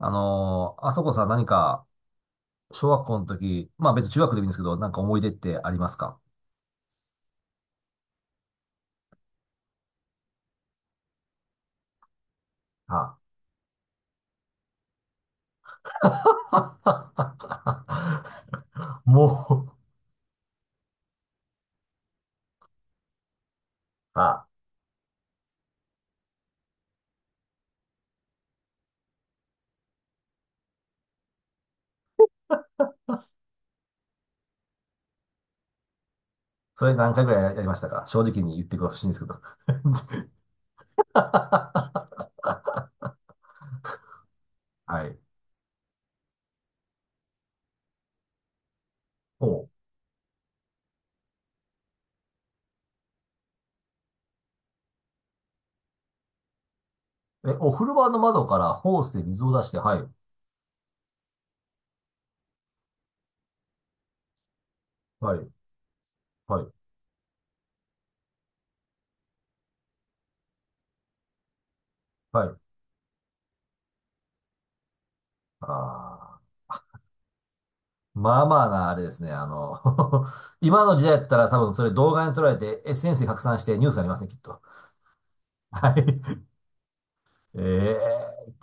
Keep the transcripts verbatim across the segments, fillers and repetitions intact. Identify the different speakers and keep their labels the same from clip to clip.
Speaker 1: あのーあそこさん何か、小学校の時、まあ別に中学でもいいんですけど、なんか思い出ってありますか？あ、はあ。 もう、あ、それ何回ぐらいやりましたか、正直に言ってほしいんですけど。はい。お、え、お風呂場の窓からホースで水を出して、はい、はい、はい、はい。ああ、まあまあな、あれですね。あの 今の時代だったら多分それ動画に撮られて エスエヌエス で拡散してニュースになりますね、きっと。はい。ええ、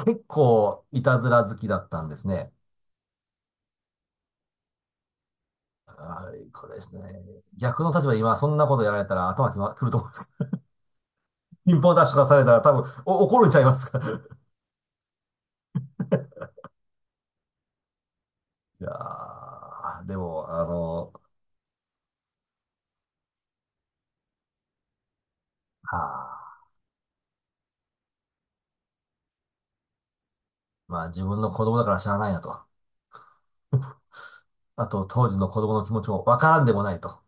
Speaker 1: 結構いたずら好きだったんですね。はい、これですね。逆の立場で今そんなことやられたら頭きま、くると思うんですけど、ピンポンダッシュとかされたら多分お怒るんちゃいますか。いやーでも、あの、はあ、まあ自分の子供だから知らないなと。あと当時の子供の気持ちもわからんでもないと。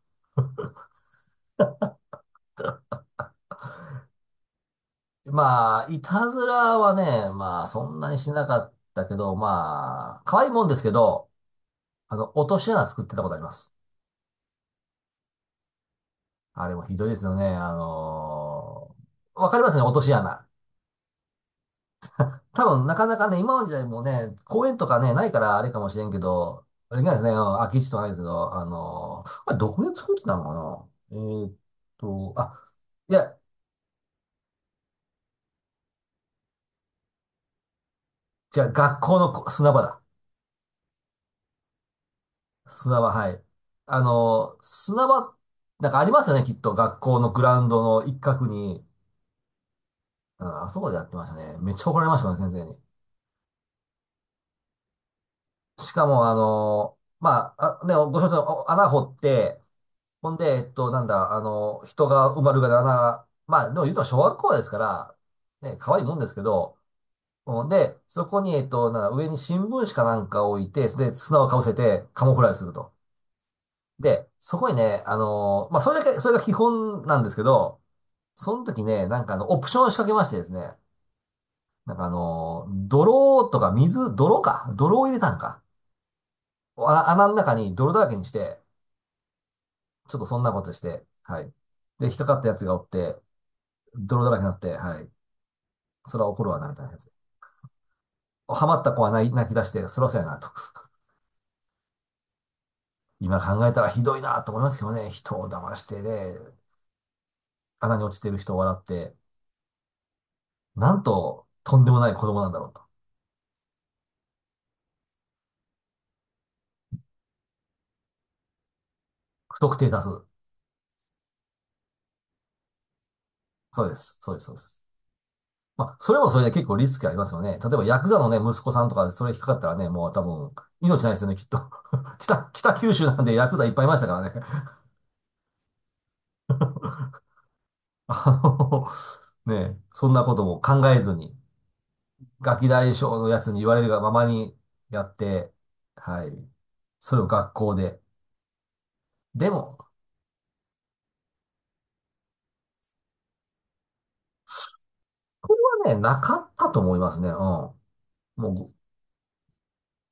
Speaker 1: まあ、いたずらはね、まあそんなにしなかったけど、まあ、可愛いもんですけど、あの、落とし穴作ってたことあります。あれもひどいですよね。あのーわかりますね、落とし穴。多分、なかなかね、今の時代もね、公園とかね、ないからあれかもしれんけど、あれないですね、うん、空き地とかないですけど、あのーあれ、どこで作ってたのかな、えーっと、あ、いや、じゃあ学校のこ砂場だ。砂場、はい。あのー砂場、なんかありますよね、きっと。学校のグラウンドの一角に。うん、あそこでやってましたね。めっちゃ怒られましたね、先生に。しかも、あの、まあ、あ、ね、ご承知のお穴掘って、ほんで、えっと、なんだ、あの、人が埋まるがな穴、まあ、でも言うと小学校ですから、ね、可愛いもんですけど、うんで、そこに、えっと、なんだ、上に新聞紙かなんかを置いて、それで砂をかぶせてカモフラージュすると。で、そこにね、あの、まあ、それだけ、それが基本なんですけど、その時ね、なんかあの、オプションを仕掛けましてですね、なんかあの、泥とか水、泥か、泥を入れたんか。あ、穴の中に泥だらけにして、ちょっとそんなことして、はい。で、引っかかったやつがおって、泥だらけになって、はい。それは怒るわな、みたいなやつ。ハマった子は泣き泣き出して、そろそろやな、と。今考えたらひどいな、と思いますけどね。人を騙してね、穴に落ちてる人を笑って、なんと、とんでもない子供なんだろうと。不特定多数。そうです。そうです。そうです。まあ、それもそれで結構リスクありますよね。例えば、ヤクザのね、息子さんとかでそれ引っかかったらね、もう多分、命ないですよね、きっと。北、北九州なんでヤクザいっぱいいましたからね。あの、ねえ、そんなことも考えずに、ガキ大将のやつに言われるがままにやって、はい。それを学校で。でも、ね、なかったと思いますね。うん。もう、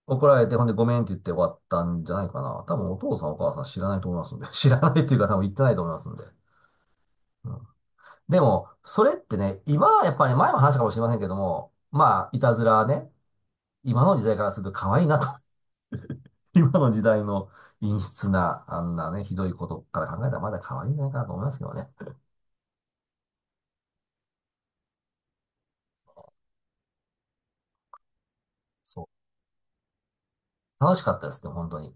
Speaker 1: 怒られて、ほんでごめんって言って終わったんじゃないかな。多分お父さんお母さん知らないと思いますんで。知らないっていうか多分言ってないと思いますんで。うん。でも、それってね、今はやっぱり前も話したかもしれませんけども、まあ、いたずらはね、今の時代からすると可愛いなと、今の時代の陰湿な、あんなね、ひどいことから考えたらまだ可愛いんじゃないかなと思いますけどね。そう。楽しかったですね、本当に。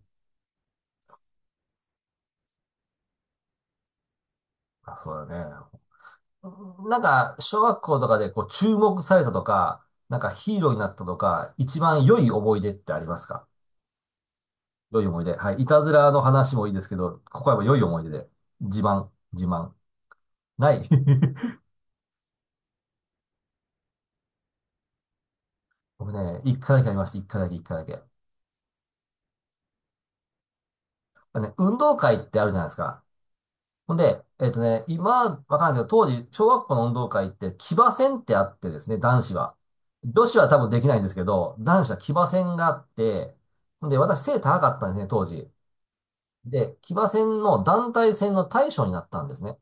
Speaker 1: あ、そうだね。なんか、小学校とかでこう注目されたとか、なんかヒーローになったとか、一番良い思い出ってありますか？良い思い出。はい。いたずらの話もいいですけど、ここはやっぱ良い思い出で。自慢、自慢。ない。僕ね、一回だけありました。一回だけ、一回だけ。ね、運動会ってあるじゃないですか。ほんで、えっとね、今、わかんないけど、当時、小学校の運動会って、騎馬戦ってあってですね、男子は。女子は多分できないんですけど、男子は騎馬戦があって、ほんで、私背高かったんですね、当時。で、騎馬戦の団体戦の大将になったんですね。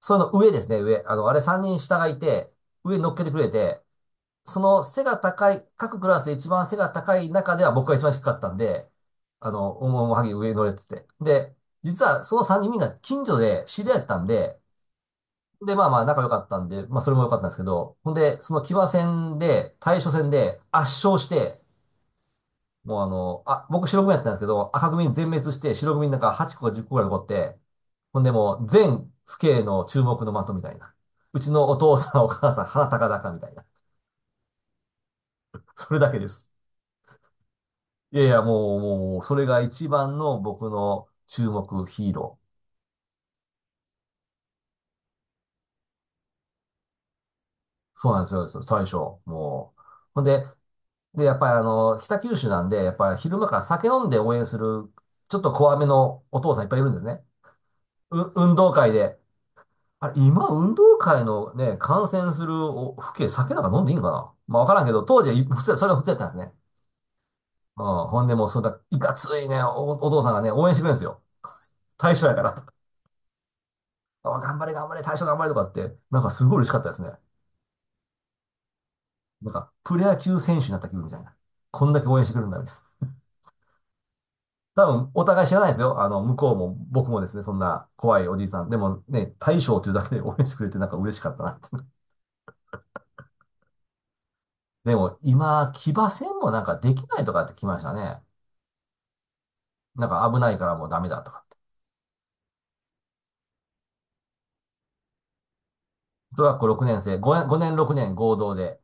Speaker 1: それの上ですね、上。あの、あれさんにん下がいて、上に乗っけてくれて、その背が高い、各クラスで一番背が高い中では僕が一番低かったんで、あの、おもおもはぎ上に乗れって言って。で、実はそのさんにんみんな近所で知り合いだったんで、で、まあまあ仲良かったんで、まあそれも良かったんですけど、ほんで、その騎馬戦で、対処戦で圧勝して、もうあの、あ、僕白組やったんですけど、赤組全滅して白組なんかはっこかじゅっこぐらい残って、ほんでもう全父兄の注目の的みたいな。うちのお父さんお母さん鼻高々みたいな。それだけです。いやいや、もう、もう、それが一番の僕の注目ヒーロー。そうなんですよ、そう大将。もう。ほんで、で、やっぱりあの、北九州なんで、やっぱり昼間から酒飲んで応援する、ちょっと怖めのお父さんいっぱいいるんですね。う、運動会で。あれ、今、運動会のね、観戦するお、父兄、酒なんか飲んでいいのかな、まあ、わからんけど、当時はい普通、それが普通やったんですね。うん。ほんでもう、そんな、いかついね、お、お父さんがね、応援してくれるんですよ。大将やから。あ、頑張れ、頑張れ、大将頑張れとかって、なんかすごい嬉しかったですね。なんか、プロ野球選手になった気分みたいな。こんだけ応援してくれるんだ、みたいな。多分、お互い知らないですよ。あの、向こうも、僕もですね、そんな怖いおじいさん。でもね、大将というだけで応援してくれてなんか嬉しかったなって。でも、今、騎馬戦もなんかできないとかって聞きましたね。なんか危ないからもうダメだとかって。小学校ろくねん生、ご、年ろくねん合同で。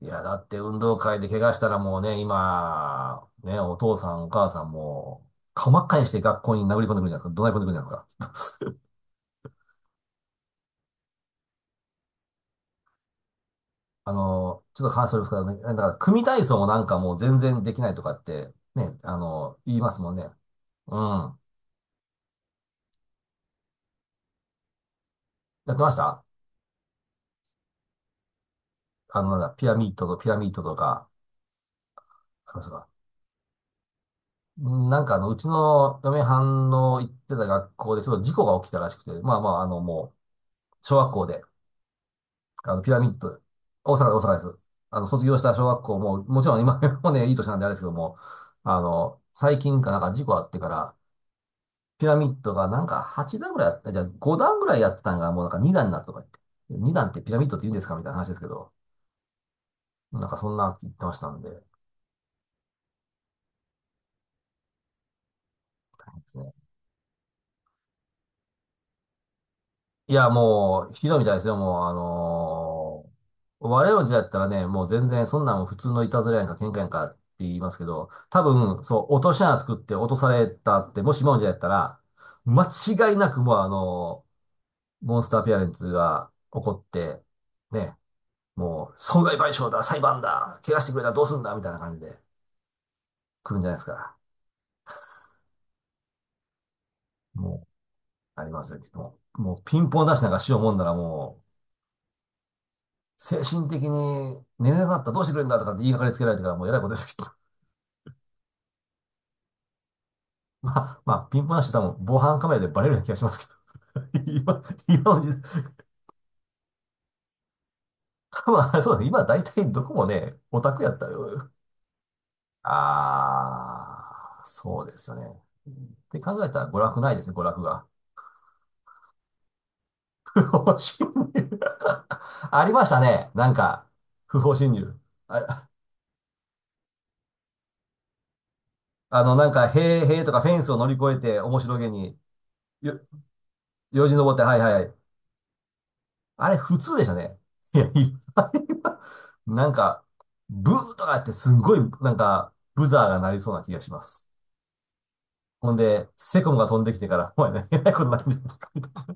Speaker 1: いや、だって運動会で怪我したらもうね、今、ね、お父さんお母さんも、顔真っ赤にして学校に殴り込んでくるんじゃないですか。怒鳴り込んでくるんじゃないですか。あの、ちょっと話しておりますけどね、だから組体操もなんかもう全然できないとかって、ね、あの、言いますもんね。うん。やってました、あの、なんだ、ピラミッドとピラミッドとか、ありましたか？うん、なんかあの、うちの嫁はんの行ってた学校でちょっと事故が起きたらしくて、まあまあ、あの、もう、小学校で、あの、ピラミッド、大阪、大阪です。あの、卒業した小学校も、もちろん今 もね、いい年なんであれですけども、あの、最近かなんか事故あってから、ピラミッドがなんかはち段ぐらいあった、じゃあご段ぐらいやってたんがもうなんかに段になったとか言って、に段ってピラミッドって言うんですかみたいな話ですけど、なんかそんな言ってましたんで、ですね。いや、もう、ひどいみたいですよ、もう、あのー我々の時代だったらね、もう全然そんなん普通のいたずらやんか喧嘩やんかって言いますけど、多分、そう、落とし穴作って落とされたって、もし今の時代だったら、間違いなくもうあのーモンスターペアレンツが起こって、ね、もう、損害賠償だ、裁判だ、怪我してくれたらどうすんだ、みたいな感じで来るんじゃないですか。もう、ありますよ、きっともう。もうピンポン出しなんかしようもんならもう、精神的に寝れなかったらどうしてくれるんだとかって言いがかりつけられてからもうえらいことです、きっと。まあ、まあ、ピンポン出し多分防犯カメラでバレるような気がしますけど。今、今の時代、多分あれそうですね。今大体どこもね、オタクやったよ。ああ、そうですよね。って考えたら娯楽ないですね、娯楽が。不法侵入 ありましたね。なんか、不法侵入。あ、あの、なんか、塀、塀とかフェンスを乗り越えて、面白げに、よ、よじ登って、はいはいはい。あれ、普通でしたね。いや、いや なんか、ブーとかやって、すんごい、なんか、ブザーが鳴りそうな気がします。ほんで、セコムが飛んできてから、お前ね、えらいことになるんじゃないか？